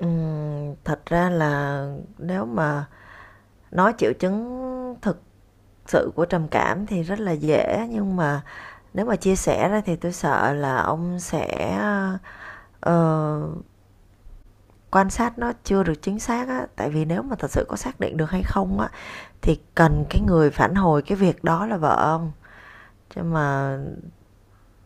Thật ra là nếu mà nói triệu chứng thực sự của trầm cảm thì rất là dễ, nhưng mà nếu mà chia sẻ ra thì tôi sợ là ông sẽ, ờ, quan sát nó chưa được chính xác á. Tại vì nếu mà thật sự có xác định được hay không á, thì cần cái người phản hồi cái việc đó là vợ ông. Chứ mà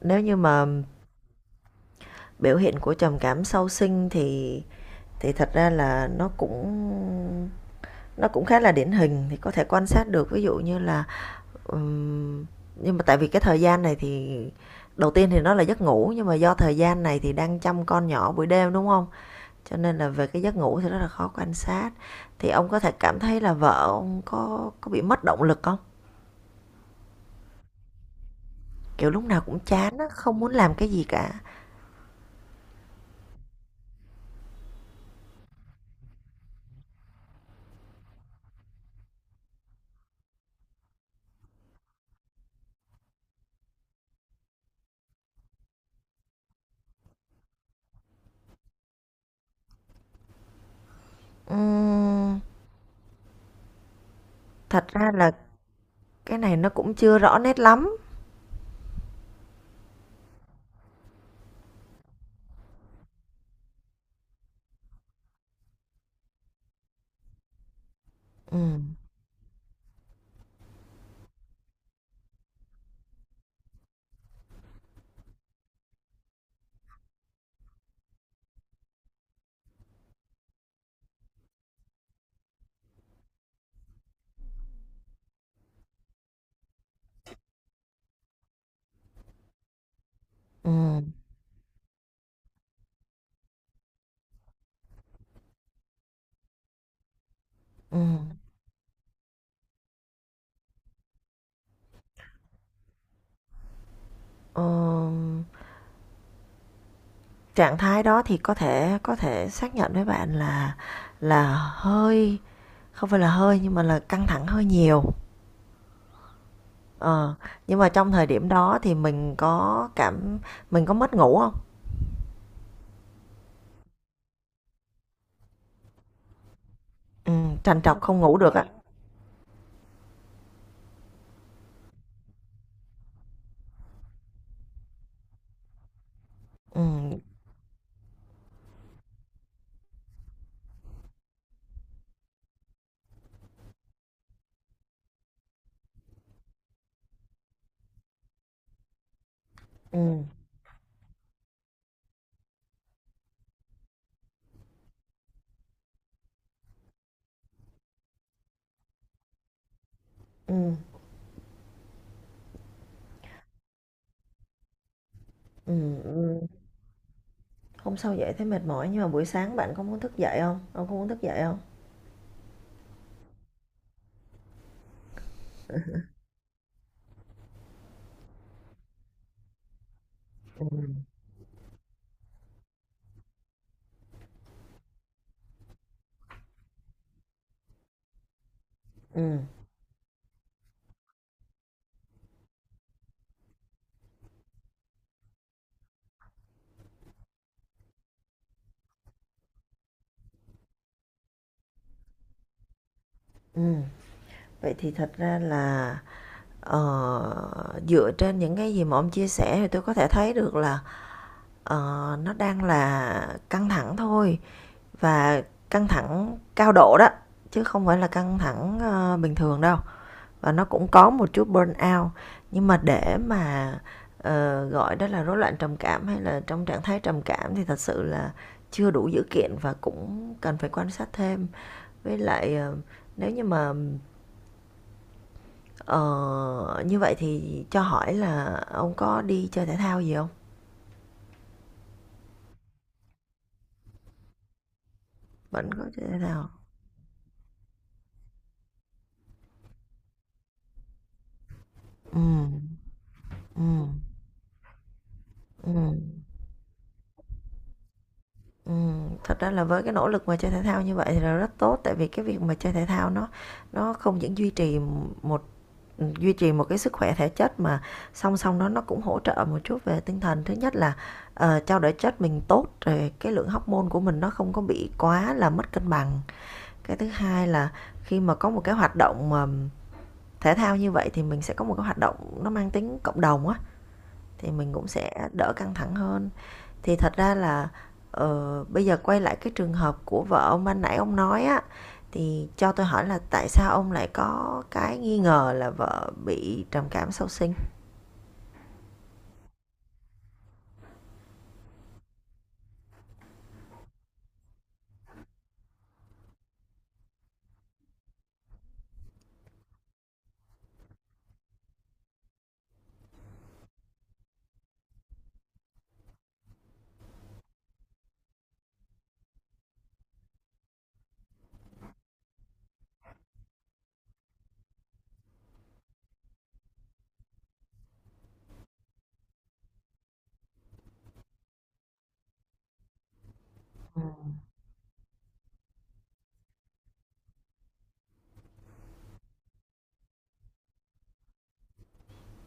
nếu như mà biểu hiện của trầm cảm sau sinh thì thật ra là nó cũng khá là điển hình, thì có thể quan sát được. Ví dụ như là ừm, nhưng mà tại vì cái thời gian này thì đầu tiên thì nó là giấc ngủ, nhưng mà do thời gian này thì đang chăm con nhỏ buổi đêm đúng không, cho nên là về cái giấc ngủ thì rất là khó quan sát. Thì ông có thể cảm thấy là vợ ông có bị mất động lực không, kiểu lúc nào cũng chán không muốn làm cái gì cả. Ừm, thật ra là cái này nó cũng chưa rõ nét lắm. ừ ừ ừ Ờ, trạng thái đó thì có thể xác nhận với bạn là hơi, không phải là hơi nhưng mà là căng thẳng hơi nhiều. ờ nhưng mà trong thời điểm đó thì mình có mất ngủ không? Ừ trằn trọc không ngủ được. Ờ, ạ. ừ ừ ừ ừ ừ. Hôm sau dậy thấy mệt mỏi nhưng mà buổi sáng bạn có muốn thức dậy không, ông không muốn thức dậy không? ừ ừ Vậy thì thật ra là, dựa trên những cái gì mà ông chia sẻ thì tôi có thể thấy được là, Ờ, nó đang là căng thẳng thôi, và căng thẳng cao độ đó, chứ không phải là căng thẳng bình thường đâu, và nó cũng có một chút burnout. Nhưng mà để mà gọi đó là rối loạn trầm cảm hay là trong trạng thái trầm cảm thì thật sự là chưa đủ dữ kiện và cũng cần phải quan sát thêm. Với lại nếu như mà ờ, như vậy thì cho hỏi là ông có đi chơi thể thao gì không? Vẫn có chơi thể thao. ừ ừ ừ ừ. Thật ra là với cái nỗ lực mà chơi thể thao như vậy thì là rất tốt, tại vì cái việc mà chơi thể thao nó không những duy trì một, ừ, duy trì một cái sức khỏe thể chất, mà song song đó nó cũng hỗ trợ một chút về tinh thần. Thứ nhất là, trao đổi chất mình tốt, rồi cái lượng hormone của mình nó không có bị quá là mất cân bằng. Cái thứ hai là khi mà có một cái hoạt động mà thể thao như vậy thì mình sẽ có một cái hoạt động nó mang tính cộng đồng á, thì mình cũng sẽ đỡ căng thẳng hơn. Thì thật ra là bây giờ quay lại cái trường hợp của vợ ông ban nãy ông nói á, thì cho tôi hỏi là tại sao ông lại có cái nghi ngờ là vợ bị trầm cảm sau sinh?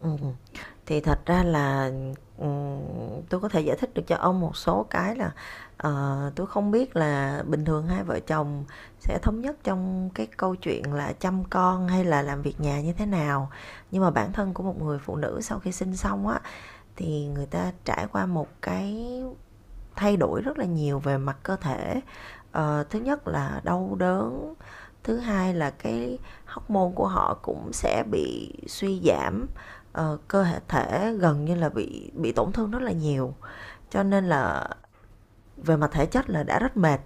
Ừ. Thì thật ra là ừm, tôi có thể giải thích được cho ông một số cái là, tôi không biết là bình thường hai vợ chồng sẽ thống nhất trong cái câu chuyện là chăm con hay là làm việc nhà như thế nào, nhưng mà bản thân của một người phụ nữ sau khi sinh xong á thì người ta trải qua một cái thay đổi rất là nhiều về mặt cơ thể. Thứ nhất là đau đớn, thứ hai là cái hormone của họ cũng sẽ bị suy giảm, cơ hệ thể gần như là bị tổn thương rất là nhiều, cho nên là về mặt thể chất là đã rất mệt.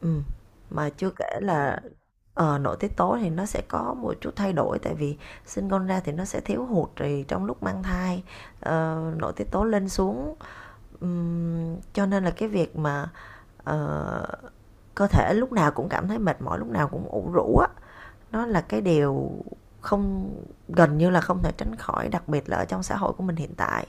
Ừ. Mà chưa kể là nội tiết tố thì nó sẽ có một chút thay đổi, tại vì sinh con ra thì nó sẽ thiếu hụt, thì trong lúc mang thai nội tiết tố lên xuống. Cho nên là cái việc mà, ờ, cơ thể lúc nào cũng cảm thấy mệt mỏi, lúc nào cũng ủ rũ á, nó là cái điều không gần như là không thể tránh khỏi, đặc biệt là ở trong xã hội của mình hiện tại.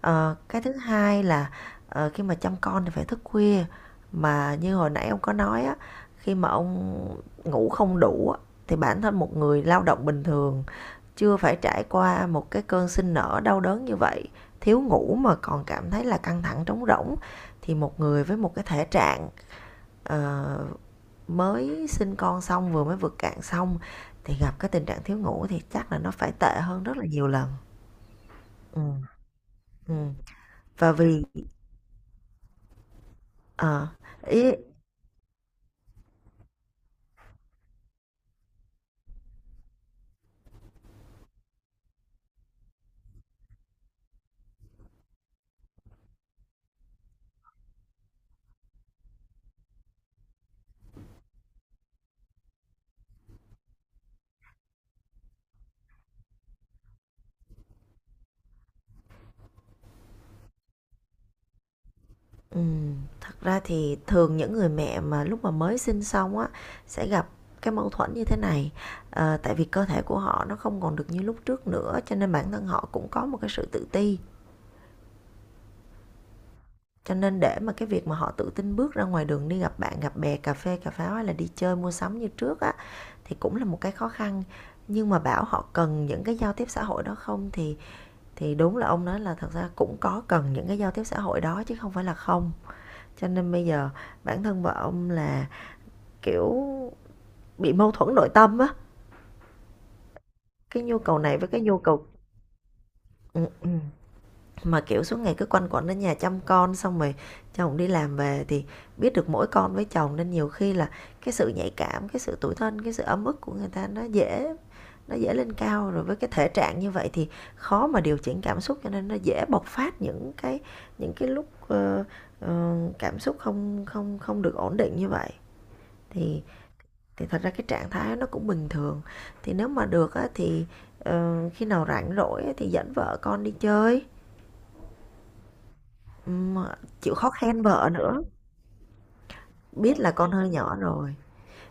Ờ, cái thứ hai là, khi mà chăm con thì phải thức khuya, mà như hồi nãy ông có nói á, khi mà ông ngủ không đủ á, thì bản thân một người lao động bình thường chưa phải trải qua một cái cơn sinh nở đau đớn như vậy, thiếu ngủ mà còn cảm thấy là căng thẳng trống rỗng, thì một người với một cái thể trạng ờ, mới sinh con xong vừa mới vượt cạn xong thì gặp cái tình trạng thiếu ngủ thì chắc là nó phải tệ hơn rất là nhiều lần. Ừ, ừ. và vì ờ, ý, Ừm, thật ra thì thường những người mẹ mà lúc mà mới sinh xong á sẽ gặp cái mâu thuẫn như thế này. Ờ, tại vì cơ thể của họ nó không còn được như lúc trước nữa, cho nên bản thân họ cũng có một cái sự tự ti. Cho nên để mà cái việc mà họ tự tin bước ra ngoài đường đi gặp bạn, gặp bè, cà phê, cà pháo hay là đi chơi mua sắm như trước á thì cũng là một cái khó khăn. Nhưng mà bảo họ cần những cái giao tiếp xã hội đó không thì đúng là ông nói là thật ra cũng có cần những cái giao tiếp xã hội đó chứ không phải là không. Cho nên bây giờ bản thân vợ ông là kiểu bị mâu thuẫn nội tâm á, cái nhu cầu này với cái nhu cầu. ừ, ừ. Mà kiểu suốt ngày cứ quanh quẩn đến nhà chăm con xong rồi chồng đi làm về thì biết được mỗi con với chồng, nên nhiều khi là cái sự nhạy cảm, cái sự tủi thân, cái sự ấm ức của người ta nó dễ lên cao, rồi với cái thể trạng như vậy thì khó mà điều chỉnh cảm xúc, cho nên nó dễ bộc phát những cái những cái lúc ờ, cảm xúc không không không được ổn định như vậy. Thì thì thật ra cái trạng thái nó cũng bình thường. Thì nếu mà được á, thì khi nào rảnh rỗi á, thì dẫn vợ con đi chơi. Ừm, chịu khó khen vợ nữa. Biết là con hơi nhỏ rồi,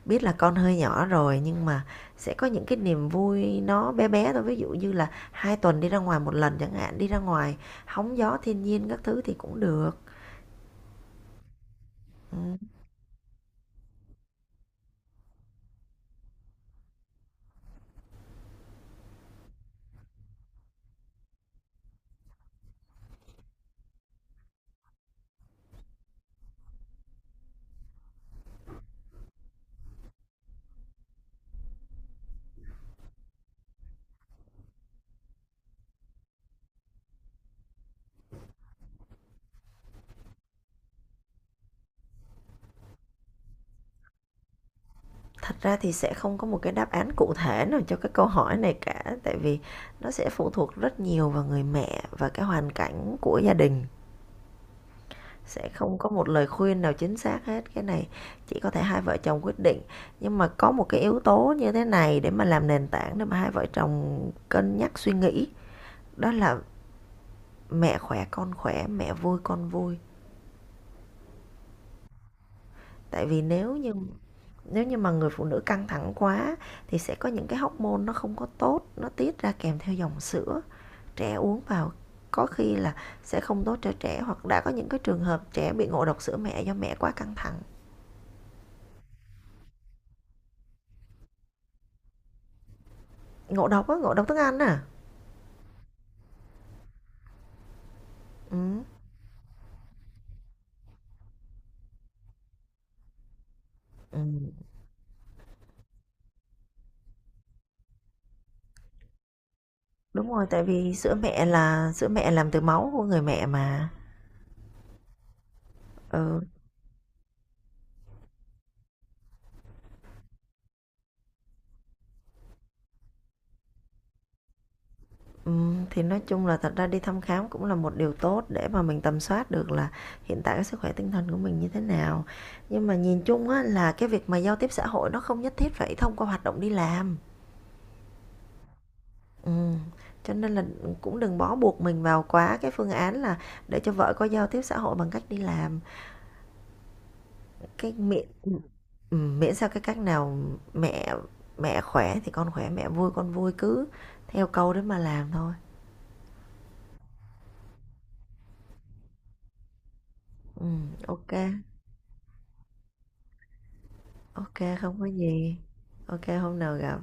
biết là con hơi nhỏ rồi, nhưng mà sẽ có những cái niềm vui nó bé bé thôi, ví dụ như là hai tuần đi ra ngoài một lần chẳng hạn, đi ra ngoài hóng gió thiên nhiên các thứ thì cũng được. Ừm. Thật ra thì sẽ không có một cái đáp án cụ thể nào cho cái câu hỏi này cả, tại vì nó sẽ phụ thuộc rất nhiều vào người mẹ và cái hoàn cảnh của gia đình. Sẽ không có một lời khuyên nào chính xác hết. Cái này chỉ có thể hai vợ chồng quyết định. Nhưng mà có một cái yếu tố như thế này để mà làm nền tảng để mà hai vợ chồng cân nhắc suy nghĩ, đó là mẹ khỏe con khỏe, mẹ vui con vui. Tại vì nếu như mà người phụ nữ căng thẳng quá thì sẽ có những cái hormone nó không có tốt, nó tiết ra kèm theo dòng sữa, trẻ uống vào có khi là sẽ không tốt cho trẻ, hoặc đã có những cái trường hợp trẻ bị ngộ độc sữa mẹ do mẹ quá căng thẳng. Ngộ độc á, ngộ độc thức ăn à. ừ. ừ Đúng rồi, tại vì sữa mẹ là sữa mẹ làm từ máu của người mẹ mà. ừ. ừ thì nói chung là thật ra đi thăm khám cũng là một điều tốt để mà mình tầm soát được là hiện tại cái sức khỏe tinh thần của mình như thế nào. Nhưng mà nhìn chung á là cái việc mà giao tiếp xã hội nó không nhất thiết phải thông qua hoạt động đi làm. Ừm, cho nên là cũng đừng bó buộc mình vào quá cái phương án là để cho vợ có giao tiếp xã hội bằng cách đi làm. Cái miễn, miễn sao cái cách nào mẹ mẹ khỏe thì con khỏe, mẹ vui con vui, cứ theo câu đấy mà làm thôi. Ok kê, không có gì. Ok, hôm nào gặp.